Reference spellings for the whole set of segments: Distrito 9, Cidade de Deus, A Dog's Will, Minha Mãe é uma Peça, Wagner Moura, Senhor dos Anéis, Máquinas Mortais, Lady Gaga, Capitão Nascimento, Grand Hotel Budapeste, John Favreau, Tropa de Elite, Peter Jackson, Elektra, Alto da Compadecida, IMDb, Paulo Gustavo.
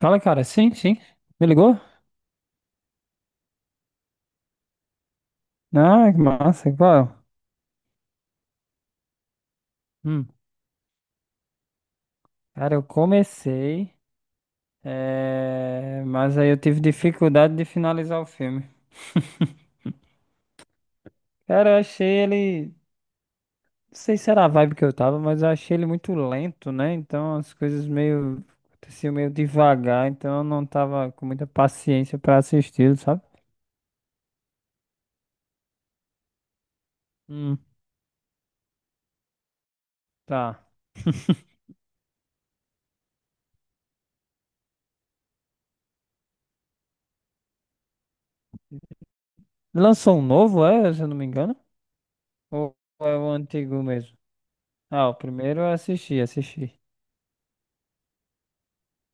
Fala, cara. Sim, sim. Me ligou? Ah, que massa. Qual? Hum. Cara, eu comecei, mas aí eu tive dificuldade de finalizar o filme. Cara, eu achei ele. Não sei se era a vibe que eu tava, mas eu achei ele muito lento, né? Então as coisas meio aconteciam meio devagar, então eu não tava com muita paciência pra assistir, sabe? Hum, tá. Lançou um novo, é? Se eu não me engano? Ou é o antigo mesmo? Ah, o primeiro eu assisti, assisti.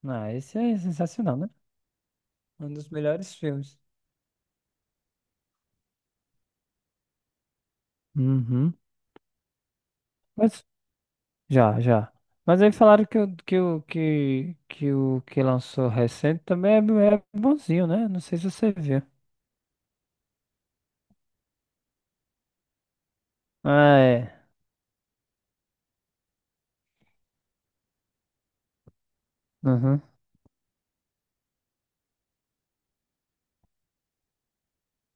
Ah, esse é sensacional, né? Um dos melhores filmes. Uhum. Mas já, já. Mas aí falaram que o que lançou recente também é bonzinho, né? Não sei se você viu. Ah, é. Uhum.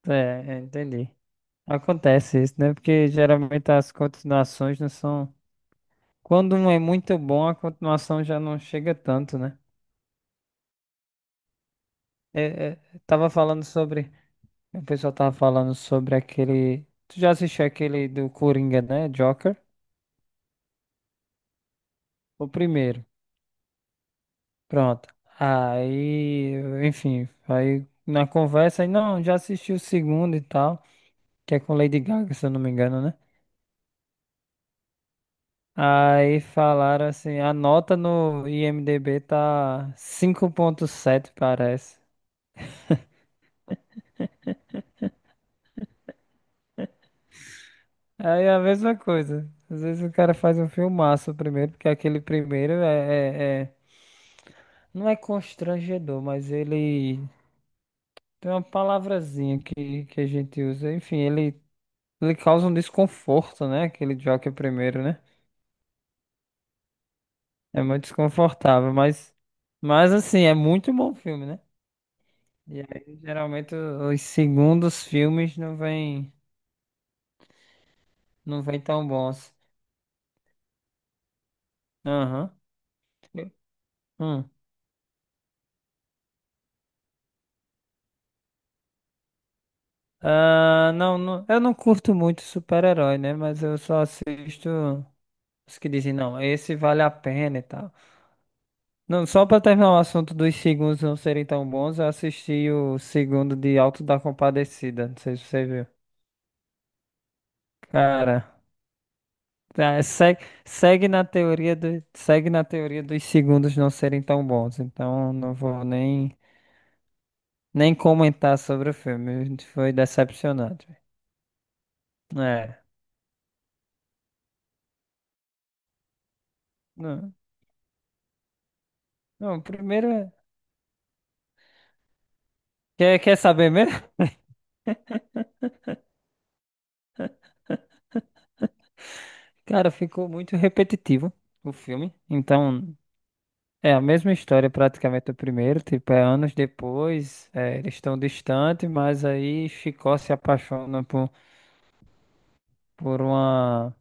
É, é, entendi. Acontece isso, né? Porque geralmente as continuações não são. Quando um é muito bom, a continuação já não chega tanto, né? É, é, tava falando sobre. O pessoal tava falando sobre aquele. Tu já assistiu aquele do Coringa, né? Joker? O primeiro. Pronto. Aí, enfim, aí na conversa, aí, não, já assisti o segundo e tal, que é com Lady Gaga, se eu não me engano, né? Aí falaram assim, a nota no IMDb tá 5,7, parece. Aí é a mesma coisa. Às vezes o cara faz um filmaço primeiro, porque aquele primeiro não é constrangedor, mas ele tem uma palavrazinha que a gente usa. Enfim, Ele causa um desconforto, né? Aquele Joker primeiro, né? É muito desconfortável, mas assim, é muito bom filme, né? E aí, geralmente, os segundos filmes não vêm tão bons. Aham. Eu- Hum. Ah, não, eu não curto muito super-herói, né? Mas eu só assisto os que dizem, não, esse vale a pena e tal. Não, só pra terminar o assunto dos segundos não serem tão bons, eu assisti o segundo de Alto da Compadecida. Não sei se você viu. Cara. Tá, segue na teoria dos segundos não serem tão bons. Então não vou nem comentar sobre o filme. Foi decepcionante. É. Não, não, o primeiro. Quer saber mesmo? Cara, ficou muito repetitivo o filme. Então, é a mesma história praticamente do primeiro. Tipo, é anos depois. Eles estão distantes, mas aí Chicó se apaixona por uma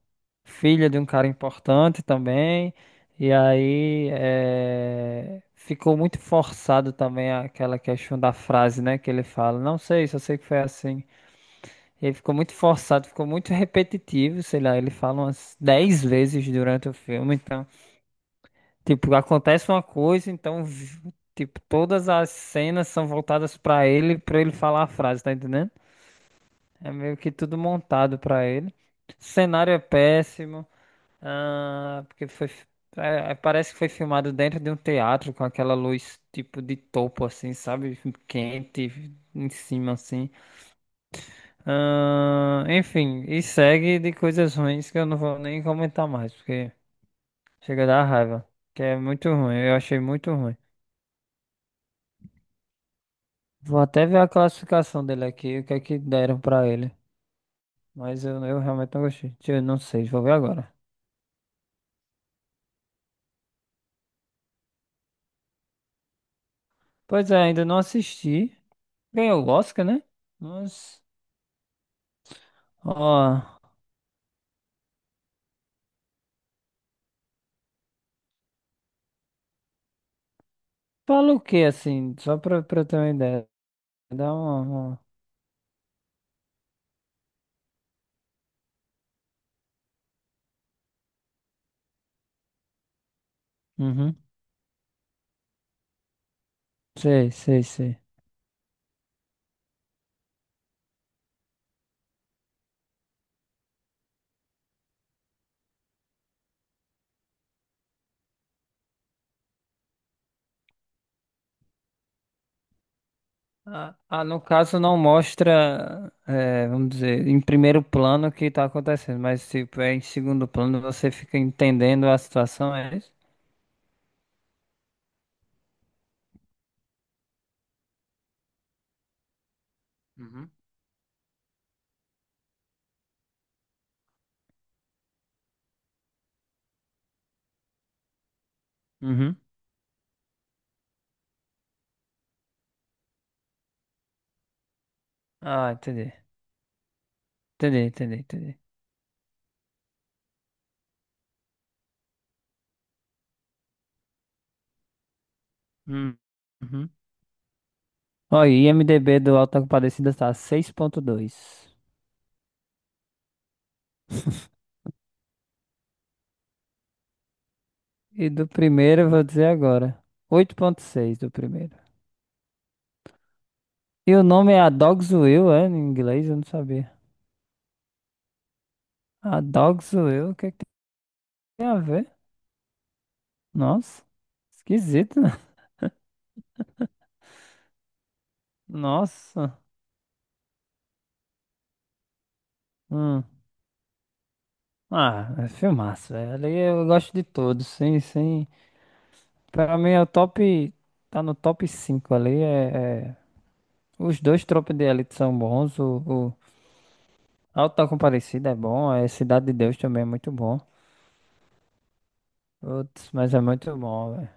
filha de um cara importante também. E aí ficou muito forçado também aquela questão da frase, né, que ele fala. Não sei, só sei que foi assim. E aí ficou muito forçado, ficou muito repetitivo, sei lá, ele fala umas 10 vezes durante o filme, então, tipo, acontece uma coisa, então, tipo, todas as cenas são voltadas pra ele falar a frase, tá entendendo? É meio que tudo montado pra ele. Cenário é péssimo. Ah, porque foi, parece que foi filmado dentro de um teatro com aquela luz tipo de topo, assim, sabe? Quente em cima, assim. Ah, enfim, e segue de coisas ruins que eu não vou nem comentar mais, porque chega a dar raiva. Que é muito ruim, eu achei muito ruim. Vou até ver a classificação dele aqui, o que é que deram pra ele. Mas eu realmente não gostei. Deixa. Eu não sei, vou ver agora. Pois é, ainda não assisti. Ganhou o Oscar, né? Mas. Ó. Fala o que assim? Só pra ter uma ideia. Dá uma. Uhum. Sei, sei, sei. Ah, ah, no caso não mostra, vamos dizer, em primeiro plano o que tá acontecendo, mas tipo, é em segundo plano você fica entendendo a situação, é isso? Uhum. Uhum. Ah, entendi. Entendi, entendi, entendi. Hum. Uhum. Ó, e IMDb do Auto da Compadecida tá 6,2. E do primeiro, eu vou dizer agora, 8,6 do primeiro. E o nome é A Dog's Will, é? Em inglês, eu não sabia. A Dog's Will, o que que tem a ver? Nossa, esquisito, né? Nossa. Hum. Ah, é filmaço, velho. Ali eu gosto de todos, sim, sim. Pra mim é o top. Tá no top 5 ali. Os dois Tropa de Elite são bons. O Auto da Compadecida é bom. É Cidade de Deus também é muito bom. Putz, mas é muito bom, velho.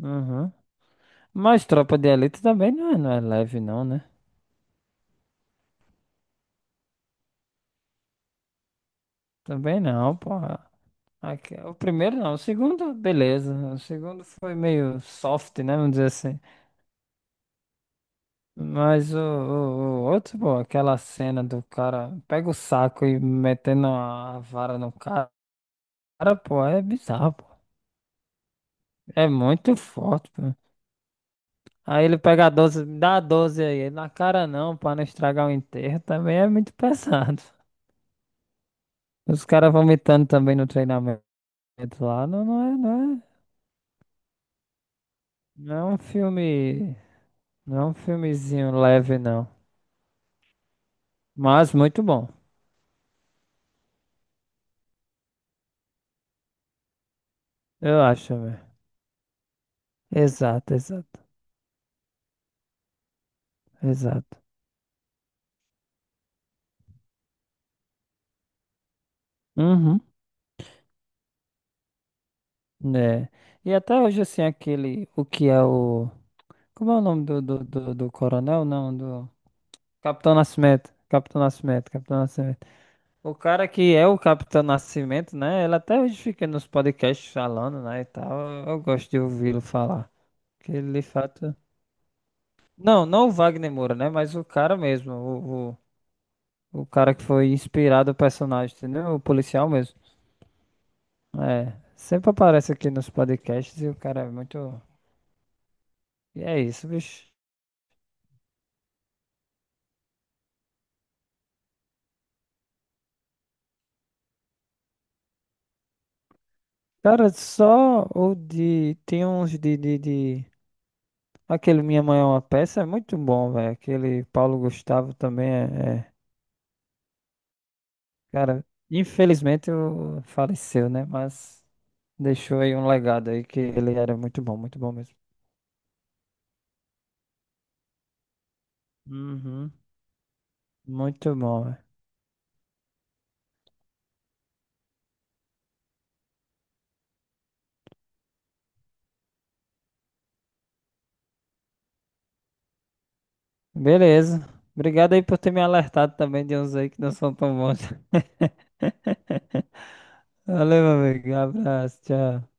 Uhum. Mas Tropa de Elite também não é leve, não, né? Também não, pô. Aqui, o primeiro não, o segundo, beleza. O segundo foi meio soft, né? Vamos dizer assim. Mas o outro, pô, aquela cena do cara pega o saco e metendo a vara no cara, pô, é bizarro, pô. É muito forte, pô. Aí ele pega a 12, me dá a 12 aí. Na cara não, pra não estragar o enterro, também é muito pesado. Os caras vomitando também no treinamento lá, não, não é um filme, não é um filmezinho leve, não. Mas muito bom, eu acho, velho. Exato, exato, exato. Uhum, né? E até hoje, assim, aquele, o que é o... Como é o nome do coronel? Não, do... Capitão Nascimento. Capitão Nascimento, Capitão Nascimento. O cara que é o Capitão Nascimento, né? Ele até hoje fica nos podcasts falando, né, e tal. Eu gosto de ouvi-lo falar. Que ele, de fato... Não, não o Wagner Moura, né? Mas o cara mesmo, o cara que foi inspirado o personagem, entendeu? O policial mesmo. É, sempre aparece aqui nos podcasts e o cara é muito. E é isso, bicho. Cara, só o de. Tem uns Aquele Minha Mãe é uma Peça é muito bom, velho. Aquele Paulo Gustavo também é. Cara, infelizmente faleceu, né? Mas deixou aí um legado aí que ele era muito bom mesmo. Uhum, muito bom, velho. Beleza. Obrigado aí por ter me alertado também de uns aí que não são tão bons. Valeu, meu amigo. Um abraço, tchau.